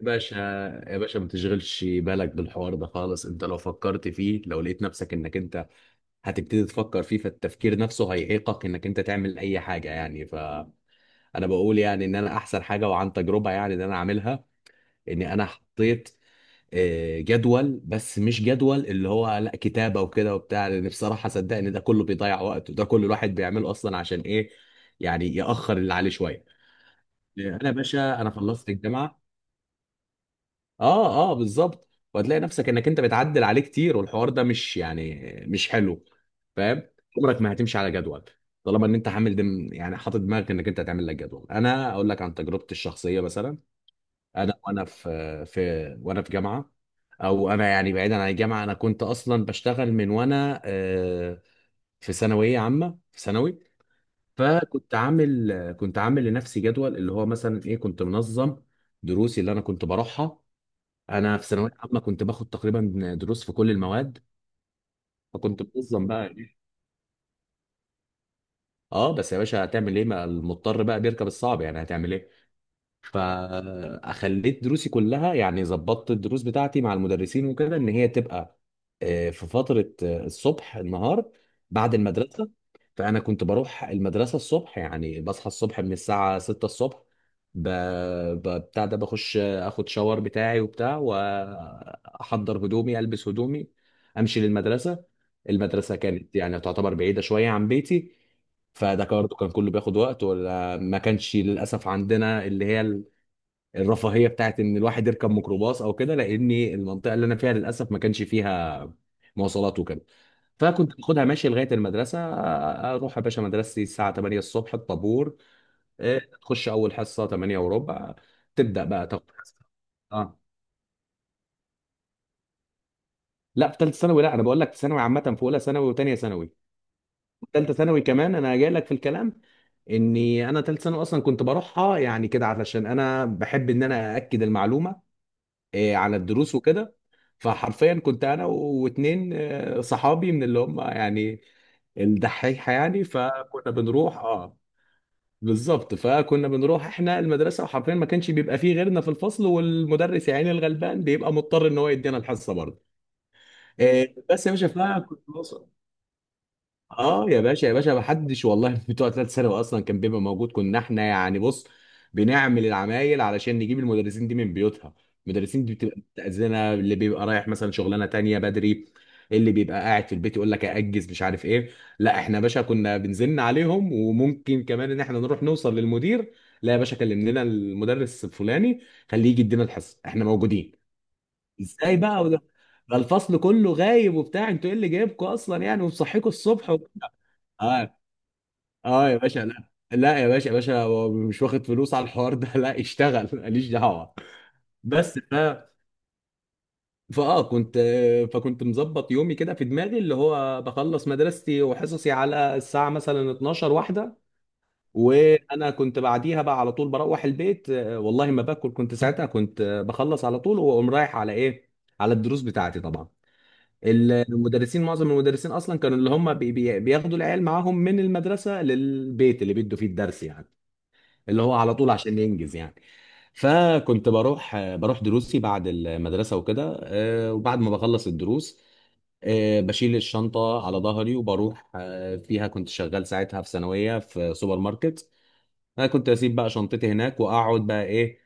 باشا، يا باشا ما تشغلش بالك بالحوار ده خالص. انت لو فكرت فيه، لو لقيت نفسك انك انت هتبتدي تفكر فيه، فالتفكير نفسه هيعيقك انك انت تعمل اي حاجة يعني. فانا بقول يعني ان انا احسن حاجة، وعن تجربة يعني ان انا عاملها، ان انا حطيت جدول. بس مش جدول اللي هو لا كتابة وكده وبتاع، لان بصراحة صدقني ده كله بيضيع وقت، وده كل الواحد بيعمله اصلا. عشان ايه يعني؟ يأخر اللي عليه شوية. انا يا باشا انا خلصت الجامعة. اه، اه، بالظبط. وهتلاقي نفسك انك انت بتعدل عليه كتير، والحوار ده مش يعني مش حلو. فاهم؟ عمرك ما هتمشي على جدول طالما ان انت حامل دم، يعني حاطط دماغك انك انت هتعمل لك جدول. انا اقول لك عن تجربتي الشخصيه مثلا. انا وانا في وانا في جامعه، او انا يعني بعيدا عن الجامعه انا كنت اصلا بشتغل من وانا في ثانويه عامه، في ثانوي. فكنت عامل، كنت عامل لنفسي جدول اللي هو مثلا ايه، كنت منظم دروسي اللي انا كنت بروحها. انا في ثانويه عامه كنت باخد تقريبا دروس في كل المواد. فكنت منظم بقى ايه. اه بس يا باشا هتعمل ايه؟ ما المضطر بقى بيركب الصعب، يعني هتعمل ايه؟ فخليت دروسي كلها، يعني ظبطت الدروس بتاعتي مع المدرسين وكده ان هي تبقى في فترة، الصبح، النهار، بعد المدرسة. فأنا كنت بروح المدرسة الصبح يعني، بصحى الصبح من الساعة 6 الصبح، ب... بتاع ده، بخش اخد شاور بتاعي وبتاع، واحضر هدومي، البس هدومي، امشي للمدرسة. المدرسة كانت يعني تعتبر بعيدة شوية عن بيتي. فده برضه كان كله بياخد وقت. ما كانش للاسف عندنا اللي هي الرفاهيه بتاعت ان الواحد يركب ميكروباص او كده، لان المنطقه اللي انا فيها للاسف ما كانش فيها مواصلات وكده. فكنت باخدها ماشي لغايه المدرسه. اروح يا باشا مدرستي الساعه 8 الصبح الطابور، تخش اول حصه 8 وربع، تبدا بقى تاخد حصه. اه. لا، في ثالثه ثانوي لا، انا بقول لك ثانوي عامه في اولى ثانوي وثانيه ثانوي. ثالثه ثانوي كمان انا جاي لك في الكلام، اني انا ثالثه ثانوي اصلا كنت بروحها يعني كده علشان انا بحب ان انا ااكد المعلومه على الدروس وكده. فحرفيا كنت انا واتنين صحابي من اللي هم يعني الدحيحه يعني، فكنا بنروح. اه، بالظبط. فكنا بنروح احنا المدرسه، وحرفيا ما كانش بيبقى فيه غيرنا في الفصل، والمدرس يا عيني الغلبان بيبقى مضطر ان هو يدينا الحصه برضه. بس يا باشا فكنت بوصل. اه يا باشا، يا باشا ما حدش والله بتوع ثلاث ثانوي اصلا كان بيبقى موجود. كنا احنا يعني بص بنعمل العمايل علشان نجيب المدرسين دي من بيوتها. المدرسين دي بتبقى متأذنة، اللي بيبقى رايح مثلا شغلانه تانية بدري، اللي بيبقى قاعد في البيت يقول لك ااجز مش عارف ايه. لا احنا يا باشا كنا بنزن عليهم، وممكن كمان ان احنا نروح نوصل للمدير: لا يا باشا كلم لنا المدرس الفلاني، خليه يجي يدينا الحصه، احنا موجودين. ازاي بقى وده، ده الفصل كله غايب وبتاع، انتوا ايه اللي جايبكم اصلا يعني ومصحيكوا الصبح. اه. اه يا باشا، لا لا يا باشا، يا باشا هو مش واخد فلوس على الحوار ده، لا اشتغل ماليش دعوه. بس ف فاه كنت فكنت مظبط يومي كده في دماغي اللي هو بخلص مدرستي وحصصي على الساعه مثلا 12 واحده، وانا كنت بعديها بقى على طول بروح البيت. والله ما باكل، كنت ساعتها كنت بخلص على طول واقوم رايح على ايه، على الدروس بتاعتي طبعا. المدرسين، معظم المدرسين اصلا كانوا اللي هم بي بي بياخدوا العيال معاهم من المدرسه للبيت اللي بيدوا فيه الدرس يعني، اللي هو على طول عشان ينجز يعني. فكنت بروح دروسي بعد المدرسة وكده. وبعد ما بخلص الدروس بشيل الشنطة على ظهري وبروح فيها. كنت شغال ساعتها في ثانوية في سوبر ماركت. أنا كنت أسيب بقى شنطتي هناك وأقعد بقى إيه،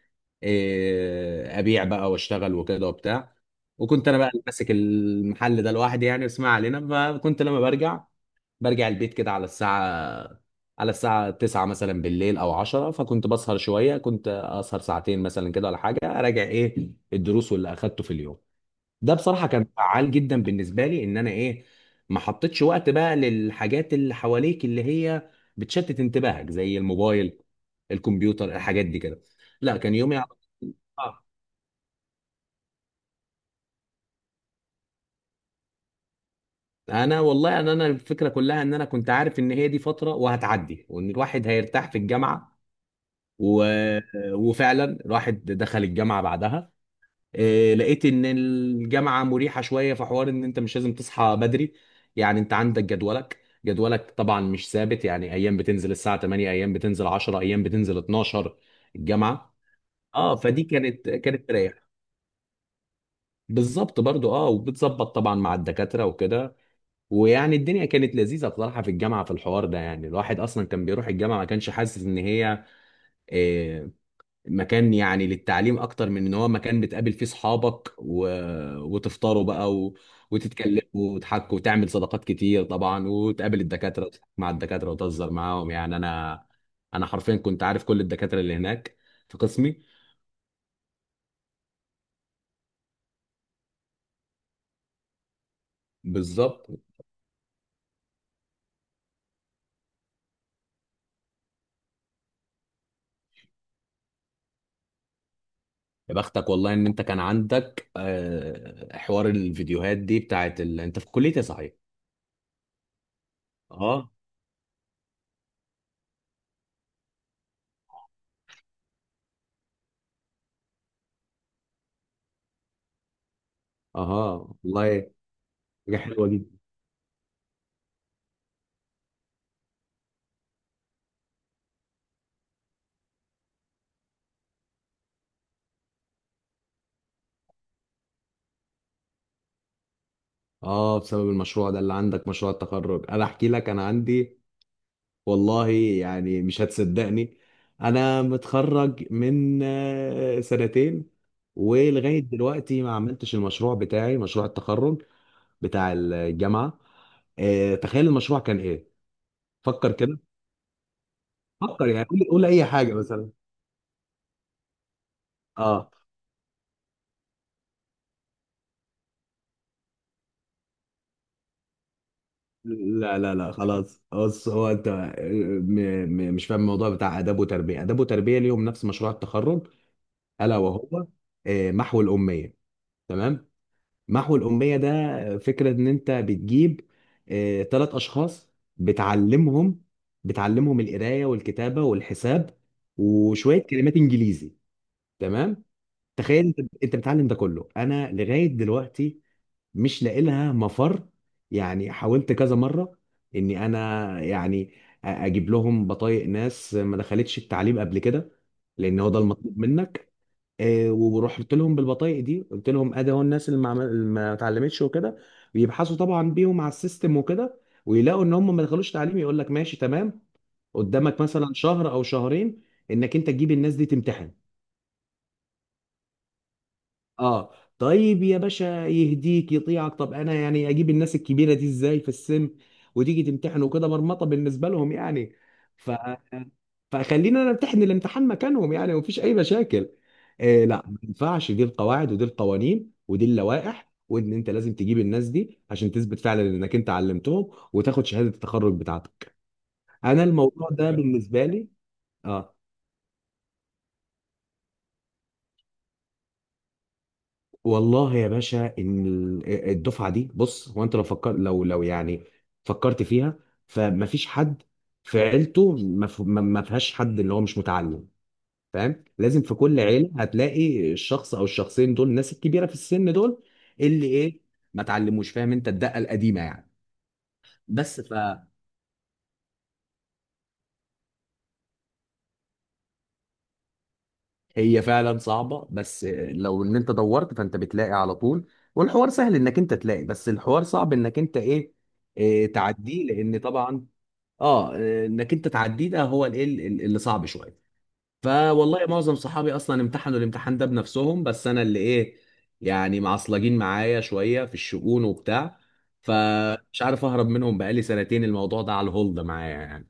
أبيع بقى وأشتغل وكده وبتاع. وكنت أنا بقى اللي ماسك المحل ده لوحدي، يعني اسمع علينا. فكنت لما برجع، البيت كده على الساعة، 9 مثلا بالليل أو 10. فكنت بسهر شوية، كنت أسهر ساعتين مثلا كده ولا حاجة، أراجع إيه الدروس واللي أخدته في اليوم. ده بصراحة كان فعال جدا بالنسبة لي إن أنا إيه، ما حطيتش وقت بقى للحاجات اللي حواليك اللي هي بتشتت انتباهك زي الموبايل، الكمبيوتر، الحاجات دي كده. لا، كان يومي انا والله انا الفكره كلها ان انا كنت عارف ان هي دي فتره وهتعدي، وان الواحد هيرتاح في الجامعه و... وفعلا راحت دخل الجامعه بعدها. لقيت ان الجامعه مريحه شويه في حوار ان انت مش لازم تصحى بدري يعني. انت عندك جدولك، طبعا مش ثابت يعني، ايام بتنزل الساعه 8، ايام بتنزل 10، ايام بتنزل 12 الجامعه. اه، فدي كانت، تريح. بالظبط برضو. اه، وبتظبط طبعا مع الدكاتره وكده. ويعني الدنيا كانت لذيذه بصراحه في الجامعه، في الحوار ده. يعني الواحد اصلا كان بيروح الجامعه ما كانش حاسس ان هي آه، مكان يعني للتعليم اكتر من ان هو مكان بتقابل فيه صحابك وتفطروا بقى وتتكلموا وتحكوا وتعمل صداقات كتير طبعا، وتقابل الدكاتره وتحكي مع الدكاتره وتهزر معاهم يعني. انا حرفيا كنت عارف كل الدكاتره اللي هناك في قسمي. بالظبط. يا بختك والله ان انت كان عندك حوار الفيديوهات دي بتاعت انت في كليه إيه صحيح؟ اه. اه والله، حاجه حلوه جدا. اه، بسبب المشروع ده اللي عندك، مشروع التخرج. انا احكي لك، انا عندي والله يعني مش هتصدقني، انا متخرج من سنتين ولغايه دلوقتي ما عملتش المشروع بتاعي، مشروع التخرج بتاع الجامعه. تخيل المشروع كان ايه. فكر كده. فكر يعني، قول اي حاجه مثلا. اه. لا لا لا، خلاص بص، هو انت مش فاهم الموضوع بتاع اداب وتربيه، اداب وتربيه ليهم نفس مشروع التخرج، الا وهو محو الاميه. تمام. محو الأمية ده فكرة إن أنت بتجيب تلات أشخاص، بتعلمهم بتعلمهم القراية والكتابة والحساب وشوية كلمات إنجليزي. تمام. تخيل أنت، بتعلم ده كله، أنا لغاية دلوقتي مش لاقي لها مفر. يعني حاولت كذا مرة إني أنا يعني أجيب لهم بطايق ناس ما دخلتش التعليم قبل كده، لأن هو ده المطلوب منك. ورحت لهم بالبطايق دي قلت لهم ادي اهو الناس اللي ما عمل- اللي ما اتعلمتش وكده، بيبحثوا طبعا بيهم على السيستم وكده، ويلاقوا ان هم ما دخلوش تعليم، يقول لك ماشي تمام قدامك مثلا شهر او شهرين انك انت تجيب الناس دي تمتحن. اه. طيب يا باشا يهديك يطيعك، طب انا يعني اجيب الناس الكبيره دي ازاي في السن، وتيجي تمتحنوا كده، مرمطه بالنسبه لهم يعني. ف فخلينا انا امتحن الامتحان مكانهم يعني، ومفيش اي مشاكل. إيه لا، ما ينفعش، دي القواعد ودي القوانين ودي اللوائح، وان انت لازم تجيب الناس دي عشان تثبت فعلا انك انت علمتهم وتاخد شهاده التخرج بتاعتك. انا الموضوع ده بالنسبه لي. اه والله يا باشا ان الدفعه دي بص، هو انت لو فكر، لو يعني فكرت فيها، فمفيش حد في عيلته ما ف- ما- ما فيهاش حد اللي هو مش متعلم. فاهم؟ لازم في كل عيله هتلاقي الشخص او الشخصين دول، الناس الكبيره في السن دول، اللي ايه ما اتعلموش، فاهم انت الدقه القديمه يعني. بس فهي فعلا صعبه، بس لو ان انت دورت فانت بتلاقي على طول. والحوار سهل انك انت تلاقي، بس الحوار صعب انك انت ايه، تعديه لان طبعا. اه. انك انت تعديه ده هو الايه اللي صعب شويه. فوالله معظم صحابي اصلا امتحنوا الامتحان ده بنفسهم، بس انا اللي ايه، يعني معصلجين معايا شويه في الشؤون وبتاع. فمش عارف اهرب منهم، بقالي سنتين الموضوع ده على الهولد معايا يعني.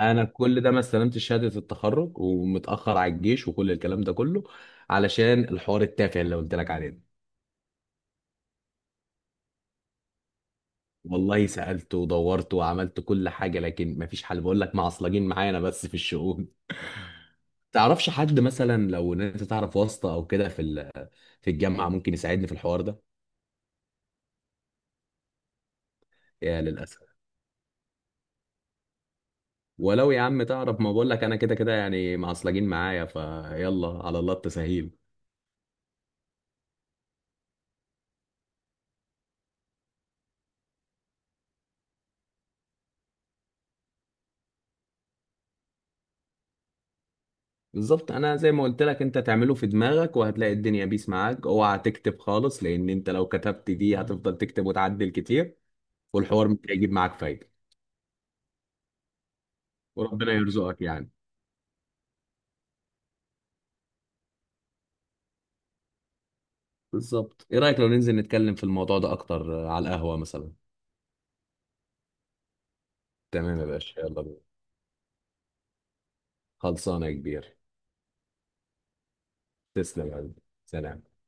انا كل ده ما استلمتش شهاده التخرج، ومتاخر على الجيش، وكل الكلام ده كله علشان الحوار التافه اللي قلت لك عليه ده. والله سالت ودورت وعملت كل حاجه لكن مفيش حل، بقول لك معصلجين معايا انا بس في الشؤون. تعرفش حد مثلا لو ان انت تعرف واسطة او كده في في الجامعة ممكن يساعدني في الحوار ده؟ يا للاسف. ولو يا عم تعرف، ما بقول لك انا كده كده يعني معصلجين معايا، فيلا على الله التسهيل. بالظبط. انا زي ما قلت لك، انت تعمله في دماغك وهتلاقي الدنيا بيس معاك. اوعى تكتب خالص لان انت لو كتبت دي هتفضل تكتب وتعدل كتير، والحوار مش هيجيب معاك فايدة. وربنا يرزقك يعني. بالظبط. ايه رأيك لو ننزل نتكلم في الموضوع ده اكتر على القهوة مثلا؟ تمام يا باشا يلا بينا. خلصانة يا كبير. تسلم يا حبيبي، سلام.